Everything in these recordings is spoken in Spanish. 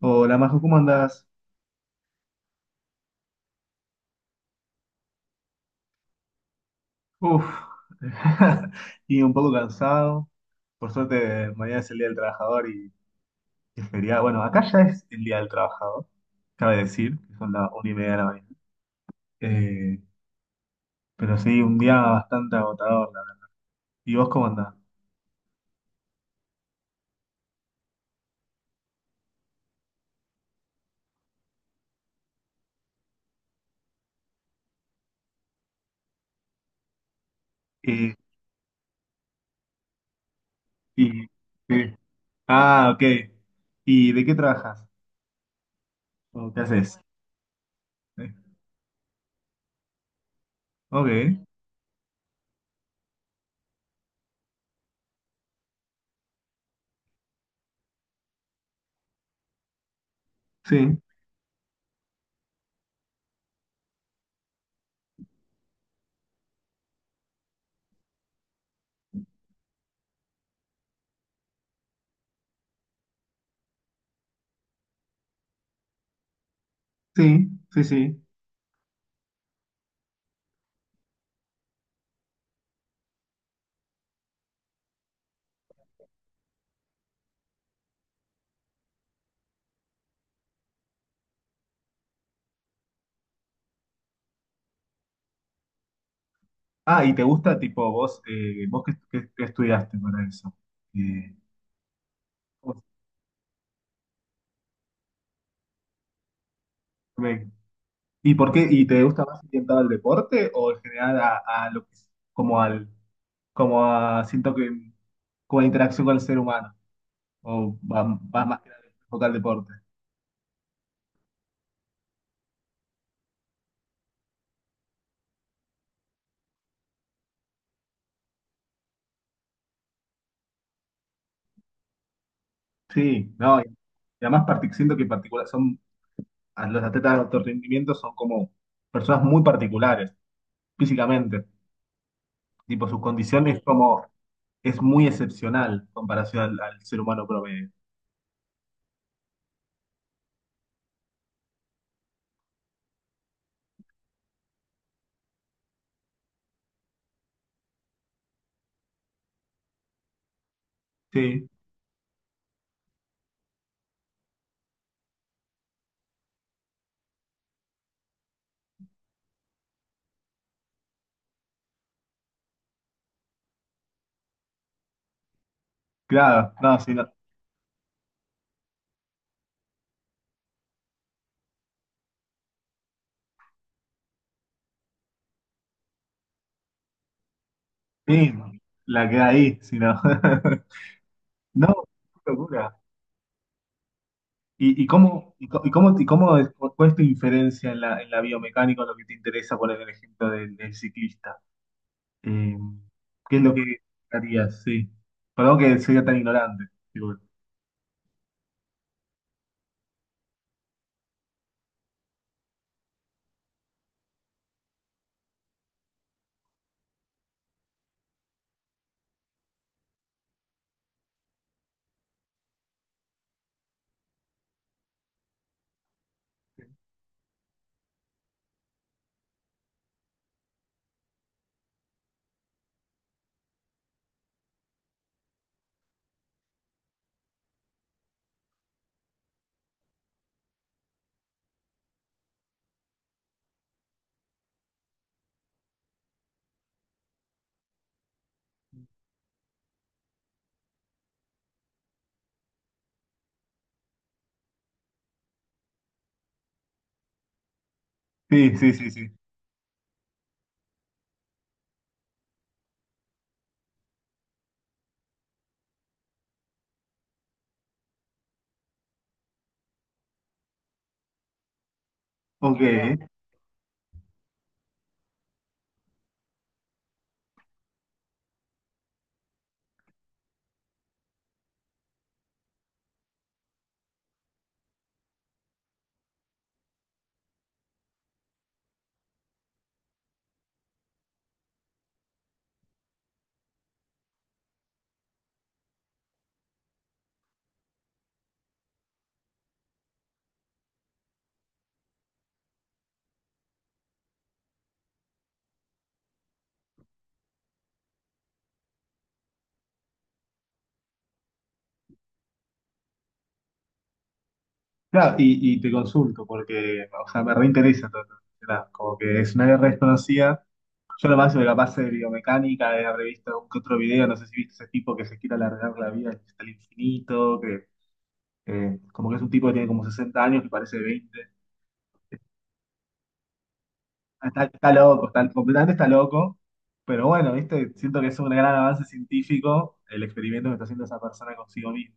Hola, Majo, ¿cómo andás? Uf, y un poco cansado. Por suerte, mañana es el Día del Trabajador y es feriado. Bueno, acá ya es el Día del Trabajador, cabe decir, que son las una y media de la mañana. Eh, pero sí, un día bastante agotador. ¿Y vos cómo andás? Eh, y, eh, ah, ok. ¿Y de qué trabajas? ¿O qué haces? Eh, ok, sí, sí, sí, sí. Ah, ¿y te gusta, tipo, vos, vos qué estudiaste para eso? Eh, ¿Y por qué? ¿Y te gusta más orientado al deporte o en general a, a lo que es- como al como a siento que como a la interacción con el ser humano? ¿O va vas más que nada enfocado al deporte? Sí, no, y además siento que particular son a los atletas de alto rendimiento son como personas muy particulares físicamente, tipo sus condiciones como es muy excepcional en comparación al ser humano promedio. Sí, claro, no, sí, no, sí, la queda ahí, si no. No, qué locura. ¿Y cómo, y cómo es, ¿cuál es tu inferencia en la biomecánica, en lo que te interesa poner el ejemplo del, del ciclista? Eh, ¿Qué es lo que harías? Sí. Perdón que sea tan ignorante. Disculpe. Sí, sí, sí, sí. Ok. Claro, y te consulto porque, o sea, me reinteresa todo esto, ¿verdad? Como que es una guerra desconocida. Yo lo más capaz de biomecánica, he revisto algún que otro video, no sé si viste ese tipo que se quiere alargar la vida hasta el infinito, que como que es un tipo que tiene como 60 años que parece veinte. Está loco, completamente está loco. Pero bueno, ¿viste? Siento que es un gran avance científico el experimento que está haciendo esa persona consigo misma.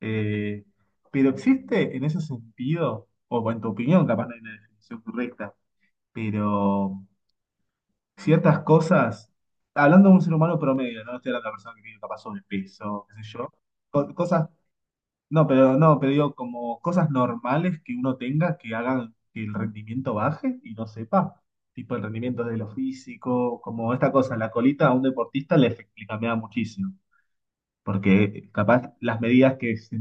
Eh, pero existe en ese sentido, o en tu opinión, capaz no hay una definición correcta, pero ciertas cosas, hablando de un ser humano promedio, no estoy hablando de una persona que tiene capaz sobrepeso, qué sé yo, cosas, no, pero no, pero digo, como cosas normales que uno tenga que hagan que el rendimiento baje y no sepa, tipo el rendimiento de lo físico, como esta cosa, la colita a un deportista le cambia muchísimo, porque capaz las medidas que,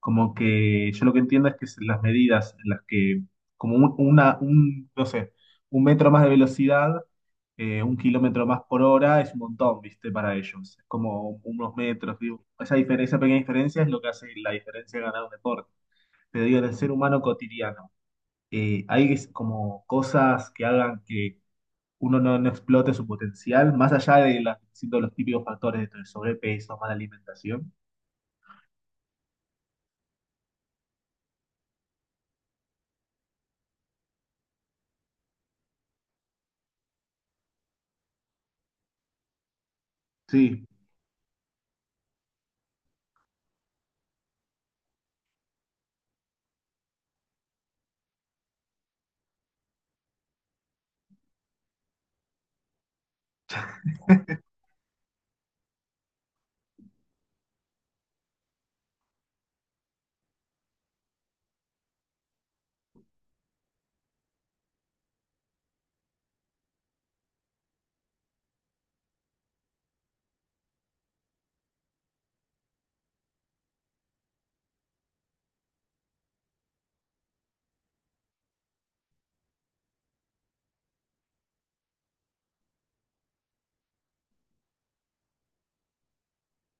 como que yo lo que entiendo es que las medidas en las que, como una, un, no sé, un metro más de velocidad, un kilómetro más por hora es un montón, ¿viste? Para ellos. Es como unos metros, digo. Esa diferencia, esa pequeña diferencia es lo que hace la diferencia de ganar un deporte. Pero digo, en el ser humano cotidiano, hay como cosas que hagan que uno no, no explote su potencial, más allá de la- siendo los típicos factores de sobrepeso, mala alimentación. Sí,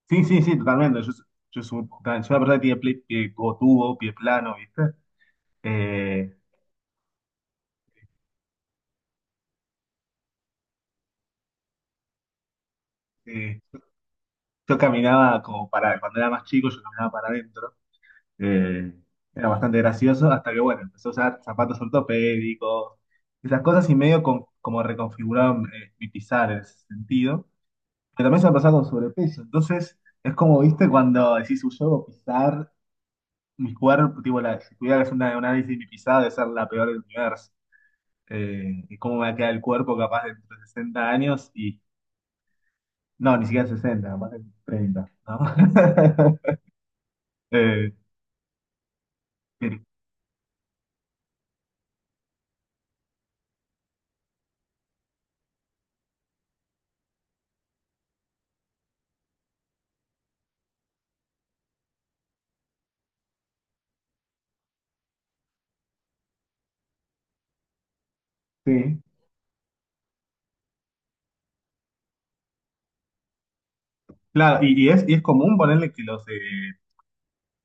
sí, sí, sí, totalmente. Yo soy, una persona que tiene pie, tuvo tubo, pie plano, ¿viste? Eh, eh, yo caminaba como para, cuando era más chico, yo caminaba para adentro. Eh, Era bastante gracioso hasta que, bueno, empezó a usar zapatos ortopédicos, esas cosas y medio como reconfiguraron, mi pisar en ese sentido. Pero también se me pasaba con sobrepeso. Entonces, es como, viste, cuando decís, "Uy, yo debo pisar mi cuerpo", tipo, la, si tuviera que hacer un análisis de mi pisada, debe ser la peor del universo. Y cómo me va a quedar el cuerpo capaz dentro de 60 años y, no, ni siquiera sesenta, capaz de 30, ¿no? Eh, sí. Claro, y es común, ponerle que los,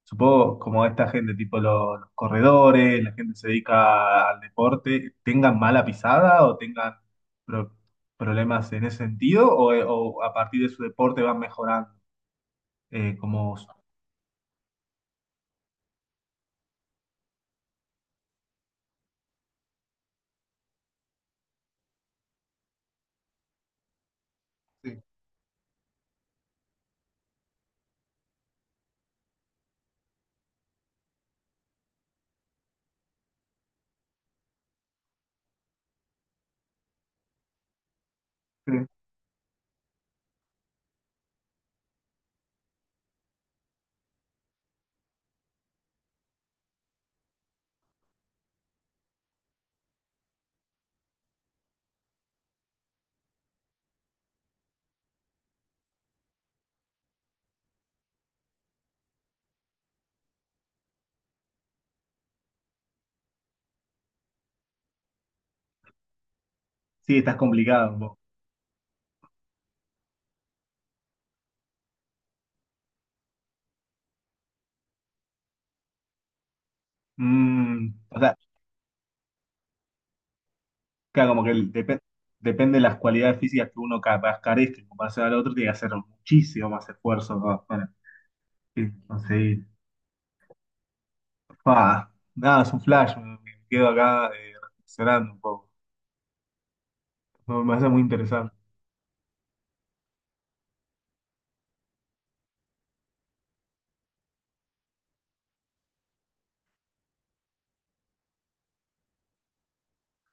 supongo como esta gente, tipo los corredores, la gente que se dedica al deporte, ¿tengan mala pisada o tengan pro- problemas en ese sentido, o a partir de su deporte van mejorando? Como, sí, sí, sí, estás complicado un poco. Mm, o sea, claro, como que depende de las cualidades físicas que uno capaz carezca en comparación al otro, tiene que hacer muchísimo más esfuerzo para, sí, conseguir. Fua, nada, es un flash, me quedo acá, reflexionando un poco. No, me hace muy interesante.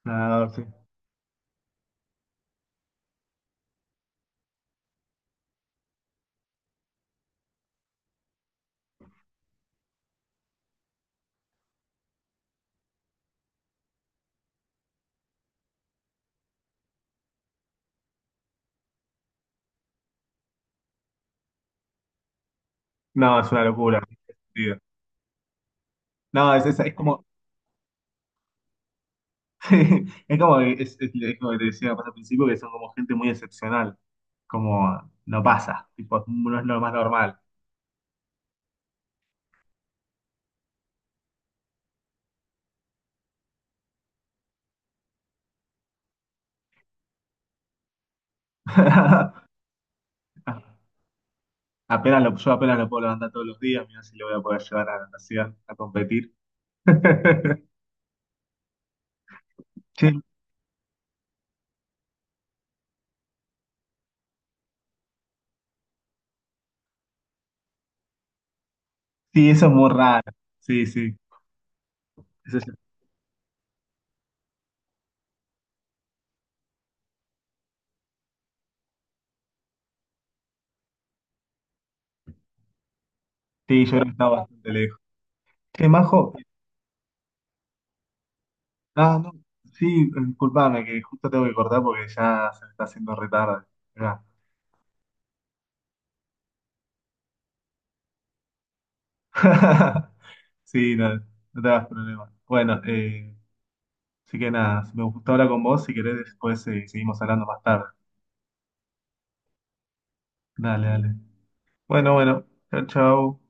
No, sí. No, es una locura. No, es como, es como que te decía más al principio, que son como gente muy excepcional. Como no pasa, tipo, no es lo más normal. Yo apenas lo puedo levantar todos los días, mira si lo voy a poder llevar a la natación, a competir. Sí, sí, eso es muy raro. Sí, sí. Eso es- sí, yo creo que está bastante lejos. Che, Majo, ah, no, sí, disculpame, que justo tengo que cortar porque ya se me está haciendo retarde. Sí, no, no te hagas problema. Bueno, así que nada, me gustó hablar con vos, si querés después, seguimos hablando más tarde. Dale, dale. Bueno, bueno, chao, chao.